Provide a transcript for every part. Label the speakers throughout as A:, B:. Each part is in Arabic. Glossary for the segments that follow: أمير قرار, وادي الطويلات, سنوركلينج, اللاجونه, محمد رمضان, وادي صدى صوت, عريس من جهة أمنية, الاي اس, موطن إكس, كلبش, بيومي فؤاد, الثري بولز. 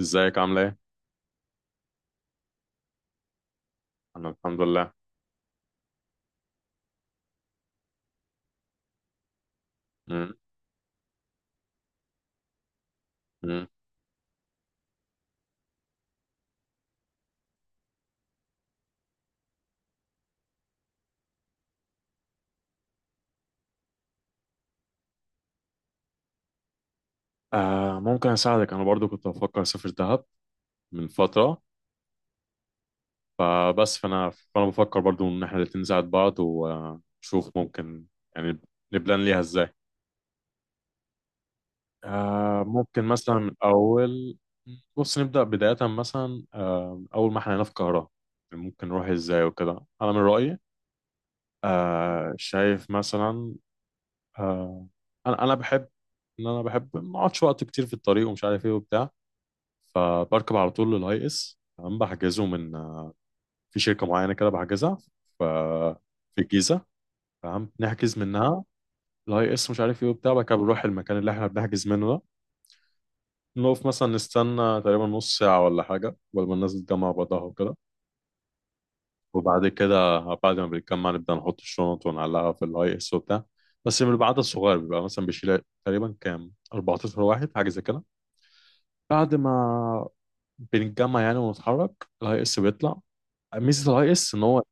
A: ازيك؟ عامله ايه؟ انا الحمد لله. مم. مم. آه، ممكن اساعدك، انا برضو كنت بفكر اسافر دهب من فتره. فبس فانا بفكر برضو ان احنا الاتنين نساعد بعض، ونشوف ممكن يعني نبلان ليها ازاي. ممكن مثلا من اول. بص نبدا بدايه، مثلا اول ما احنا هنا في القاهره، ممكن نروح ازاي وكده، انا من رايي شايف مثلا. آه انا بحب ما اقعدش وقت كتير في الطريق، ومش عارف ايه وبتاع، فبركب على طول للاي اس. تمام، بحجزه من في شركه معينه كده، بحجزها ف- في الجيزه. تمام، نحجز منها الاي اس، مش عارف ايه وبتاع. بعد كده بنروح المكان اللي احنا بنحجز منه ده، نقف مثلا، نستنى تقريبا نص ساعه ولا حاجه قبل ما الناس تتجمع بعضها وكده. وبعد كده، بعد ما بنتجمع، نبدا نحط الشنط ونعلقها في الاي اس وبتاع. بس من العدد الصغير، بيبقى مثلا بيشيل تقريبا كام 14 واحد، حاجه زي كده. بعد ما بنتجمع يعني ونتحرك، الاي اس بيطلع. ميزه الاي اس ان هو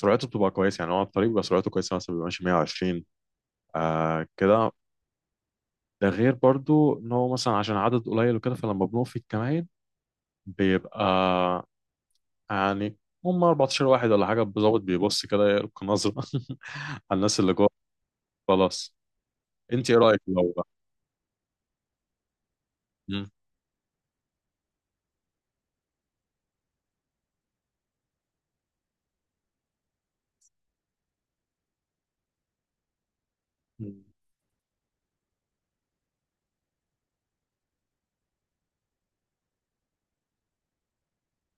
A: سرعته بتبقى كويسه، يعني هو على الطريق بيبقى سرعته كويسه، مثلا بيبقى ماشي 120، كده. ده غير برضو ان هو مثلا عشان عدد قليل وكده، فلما بنقف في الكمائن بيبقى يعني هم 14 واحد ولا حاجه بالظبط، بيبص كده يلقي نظره على الناس اللي جوه. خلاص، انت ايه رايك لو بقى؟ مم. مم.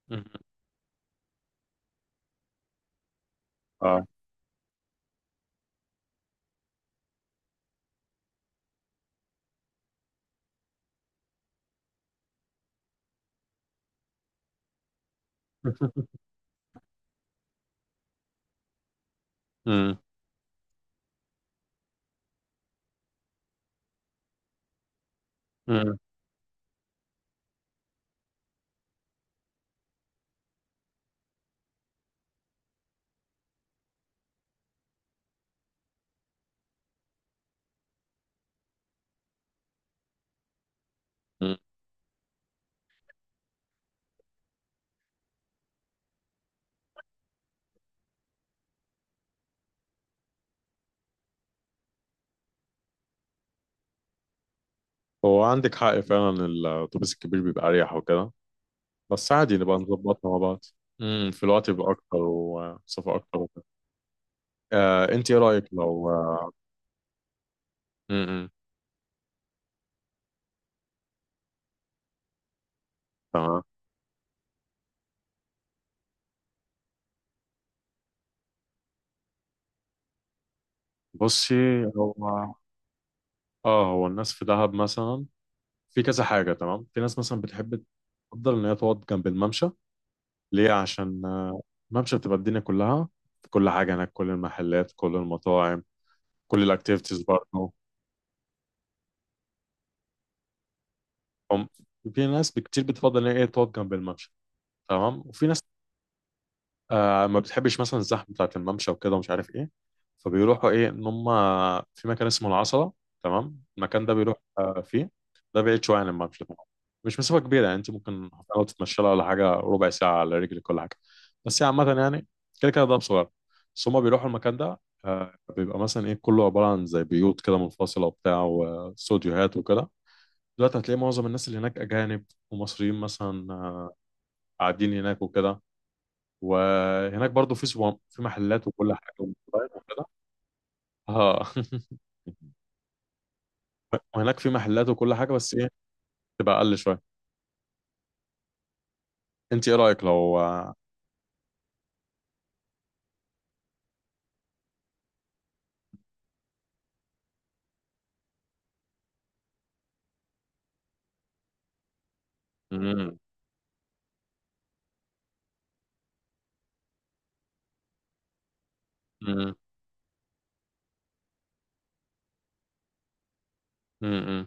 A: مم. اه. مم. مم. مم. هو عندك حق فعلا، الاتوبيس الكبير بيبقى اريح وكده، بس عادي نبقى نظبطها مع بعض. مم. في الوقت يبقى اكتر ومسافه اكتر. انت ايه رايك لو آه، م- م، تمام. بصي، هو اه هو الناس في دهب مثلا في كذا حاجه، تمام. في ناس مثلا بتحب تفضل ان هي تقعد جنب الممشى، ليه؟ عشان الممشى بتبقى الدنيا كلها، كل حاجه هناك، كل المحلات، كل المطاعم، كل الاكتيفيتيز برضه. هم في ناس كتير بتفضل ان هي إيه تقعد جنب الممشى، تمام. وفي ناس ما بتحبش مثلا الزحمه بتاعت الممشى وكده ومش عارف ايه، فبيروحوا ايه ان هم في مكان اسمه العصلة. تمام، المكان ده بيروح فيه. ده بعيد شويه عن الممشى طبعا، مش مسافه كبيره، يعني انت ممكن لو تتمشى لها ولا حاجه ربع ساعه على رجلك ولا حاجه، بس هي عامه يعني كده كده ده صغير. بس هم بيروحوا المكان ده، بيبقى مثلا ايه كله عباره عن زي بيوت كده منفصله وبتاع، واستوديوهات وكده. دلوقتي هتلاقي معظم الناس اللي هناك اجانب ومصريين، مثلا قاعدين هناك وكده. وهناك برضو في سوام، في محلات وكل حاجه ومطاعم وكده. اه. وهناك في محلات وكل حاجه، بس ايه، تبقى اقل شويه. انت ايه رايك لو؟ مم. مم. مم.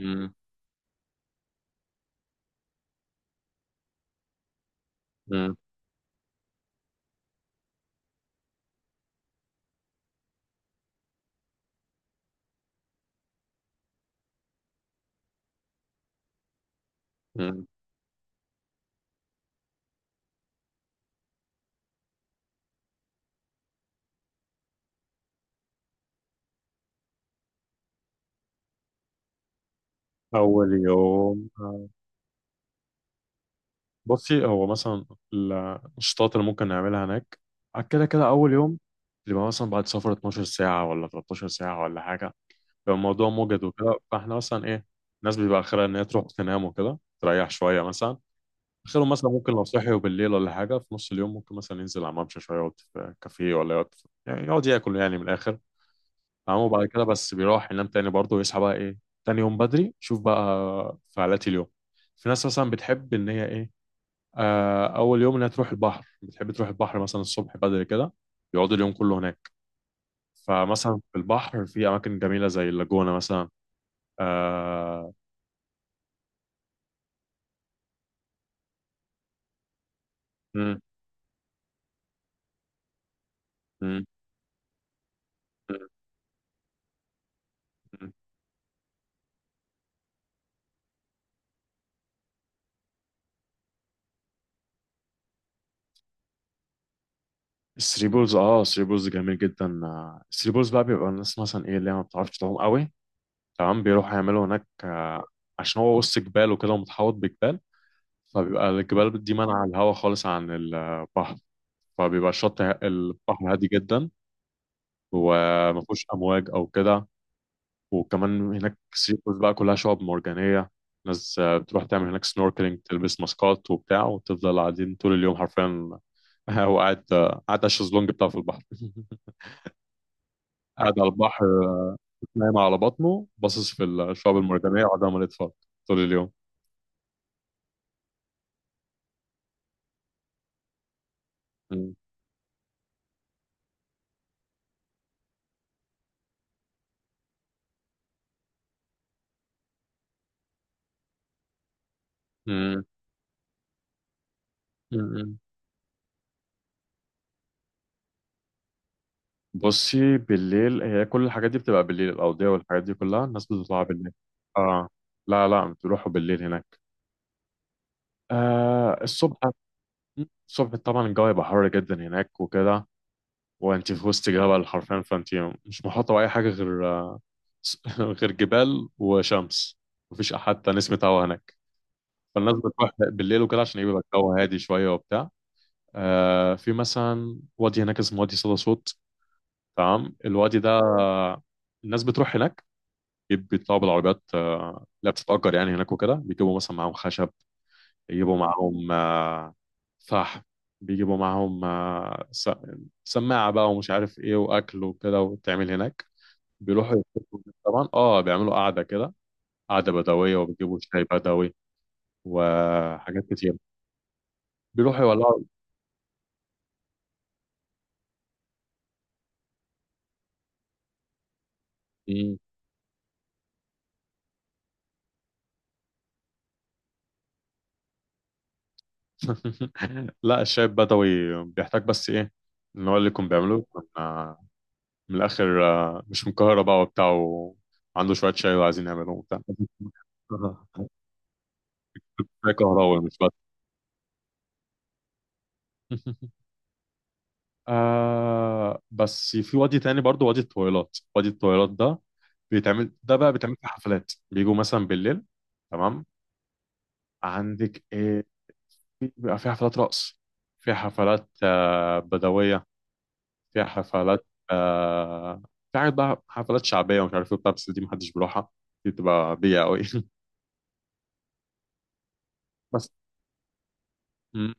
A: مم. مم. مم. اول يوم بصي هو مثلا النشاطات اللي ممكن نعملها هناك، كده كده اول يوم يبقى مثلا بعد سفر 12 ساعه ولا 13 ساعه ولا حاجه، يبقى الموضوع موجد وكده، فاحنا مثلا ايه، الناس بيبقى اخرها ان هي تروح تنام وكده، تريح شويه مثلا. اخرهم مثلا ممكن لو صحي وبالليل ولا حاجه في نص اليوم، ممكن مثلا ينزل على الممشى شويه، يقعد في كافيه، ولا يقعد يعني يقعد ياكل يعني من الاخر. تمام، وبعد كده بس بيروح ينام تاني برضه، ويصحى بقى ايه تاني يوم بدري، شوف بقى فعاليات اليوم. في ناس مثلا بتحب ان هي ايه، اول يوم انها تروح البحر، بتحب تروح البحر مثلا الصبح بدري كده، يقعدوا اليوم كله هناك. فمثلا في البحر في اماكن جميله زي اللاجونه مثلا. آه... م- م- م- م. الثري بولز. اه، الثري بولز جميل جدا. الثري بولز بقى بيبقى الناس مثلا ايه اللي هي ما بتعرفش تعوم قوي، تمام، بيروحوا يعملوا هناك عشان هو وسط جبال وكده، ومتحوط بجبال، فبيبقى الجبال دي مانعة الهواء خالص عن البحر، فبيبقى البحر هادي جدا، وما فيهوش امواج او كده. وكمان هناك الثري بولز بقى كلها شعاب مرجانية. ناس بتروح تعمل هناك سنوركلينج، تلبس ماسكات وبتاع، وتفضل قاعدين طول اليوم حرفيا وقاعد قاعد على الشезлونج بتاعه في البحر. قاعد على البحر، نايم على بطنه، باصص في الشعب المرجانية، وقاعد عمال يتفرج طول اليوم. مم. مم. مم. بصي، بالليل هي كل الحاجات دي بتبقى بالليل، الأوضية والحاجات دي كلها الناس بتطلع بالليل. اه. لا لا، بتروحوا بالليل هناك. الصبح؟ الصبح طبعا الجو هيبقى حر جدا هناك وكده، وانت في وسط جبل حرفيا، فانت مش محاطة بأي حاجة غير غير جبال وشمس، مفيش حتى نسمة هوا هناك. فالناس بتروح بالليل وكده، عشان يبقى الجو هادي شوية وبتاع. في مثلا وادي هناك اسمه وادي صدى صوت، تمام. الوادي ده الناس بتروح هناك، بيطلعوا بالعربيات اللي بتتأجر يعني هناك وكده، بيجيبوا مثلا معاهم خشب، يجيبوا معاهم فحم، بيجيبوا معاهم سماعة بقى، ومش عارف ايه وأكل وكده، وتعمل هناك. بيروحوا يتفقوا هناك طبعا، اه، بيعملوا قعدة كده، قعدة بدوية، وبيجيبوا شاي بدوي وحاجات كتير. بيروحوا يولعوا. لا، الشاي البدوي بيحتاج بس ايه، ان هو اللي كنا بيعمله، كنا من الاخر، مش من القاهره بقى وبتاع، وعنده شويه شاي وعايزين يعملوه وبتاع. شاي كهراوي مش بس. بس في وادي تاني برضو، وادي الطويلات. وادي الطويلات ده بيتعمل، ده بقى بيتعمل في حفلات، بيجوا مثلا بالليل، تمام. عندك ايه؟ بيبقى في حفلات رقص، في حفلات بدوية، فيها حفلات في حاجات بقى، حفلات شعبية ومش عارف ايه وبتاع، بس دي محدش بيروحها، دي بتبقى بيئة أوي. بس م-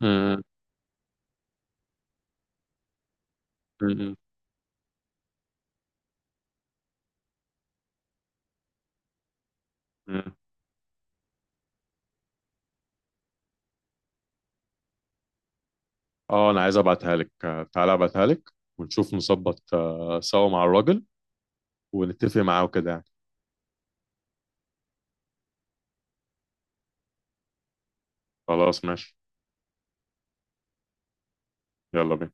A: م- م- م- اه، أنا عايز أبعتها لك، تعالى أبعتها لك، ونشوف نظبط سوا مع الراجل، ونتفق معاه وكده يعني. خلاص، ماشي. يلا بينا.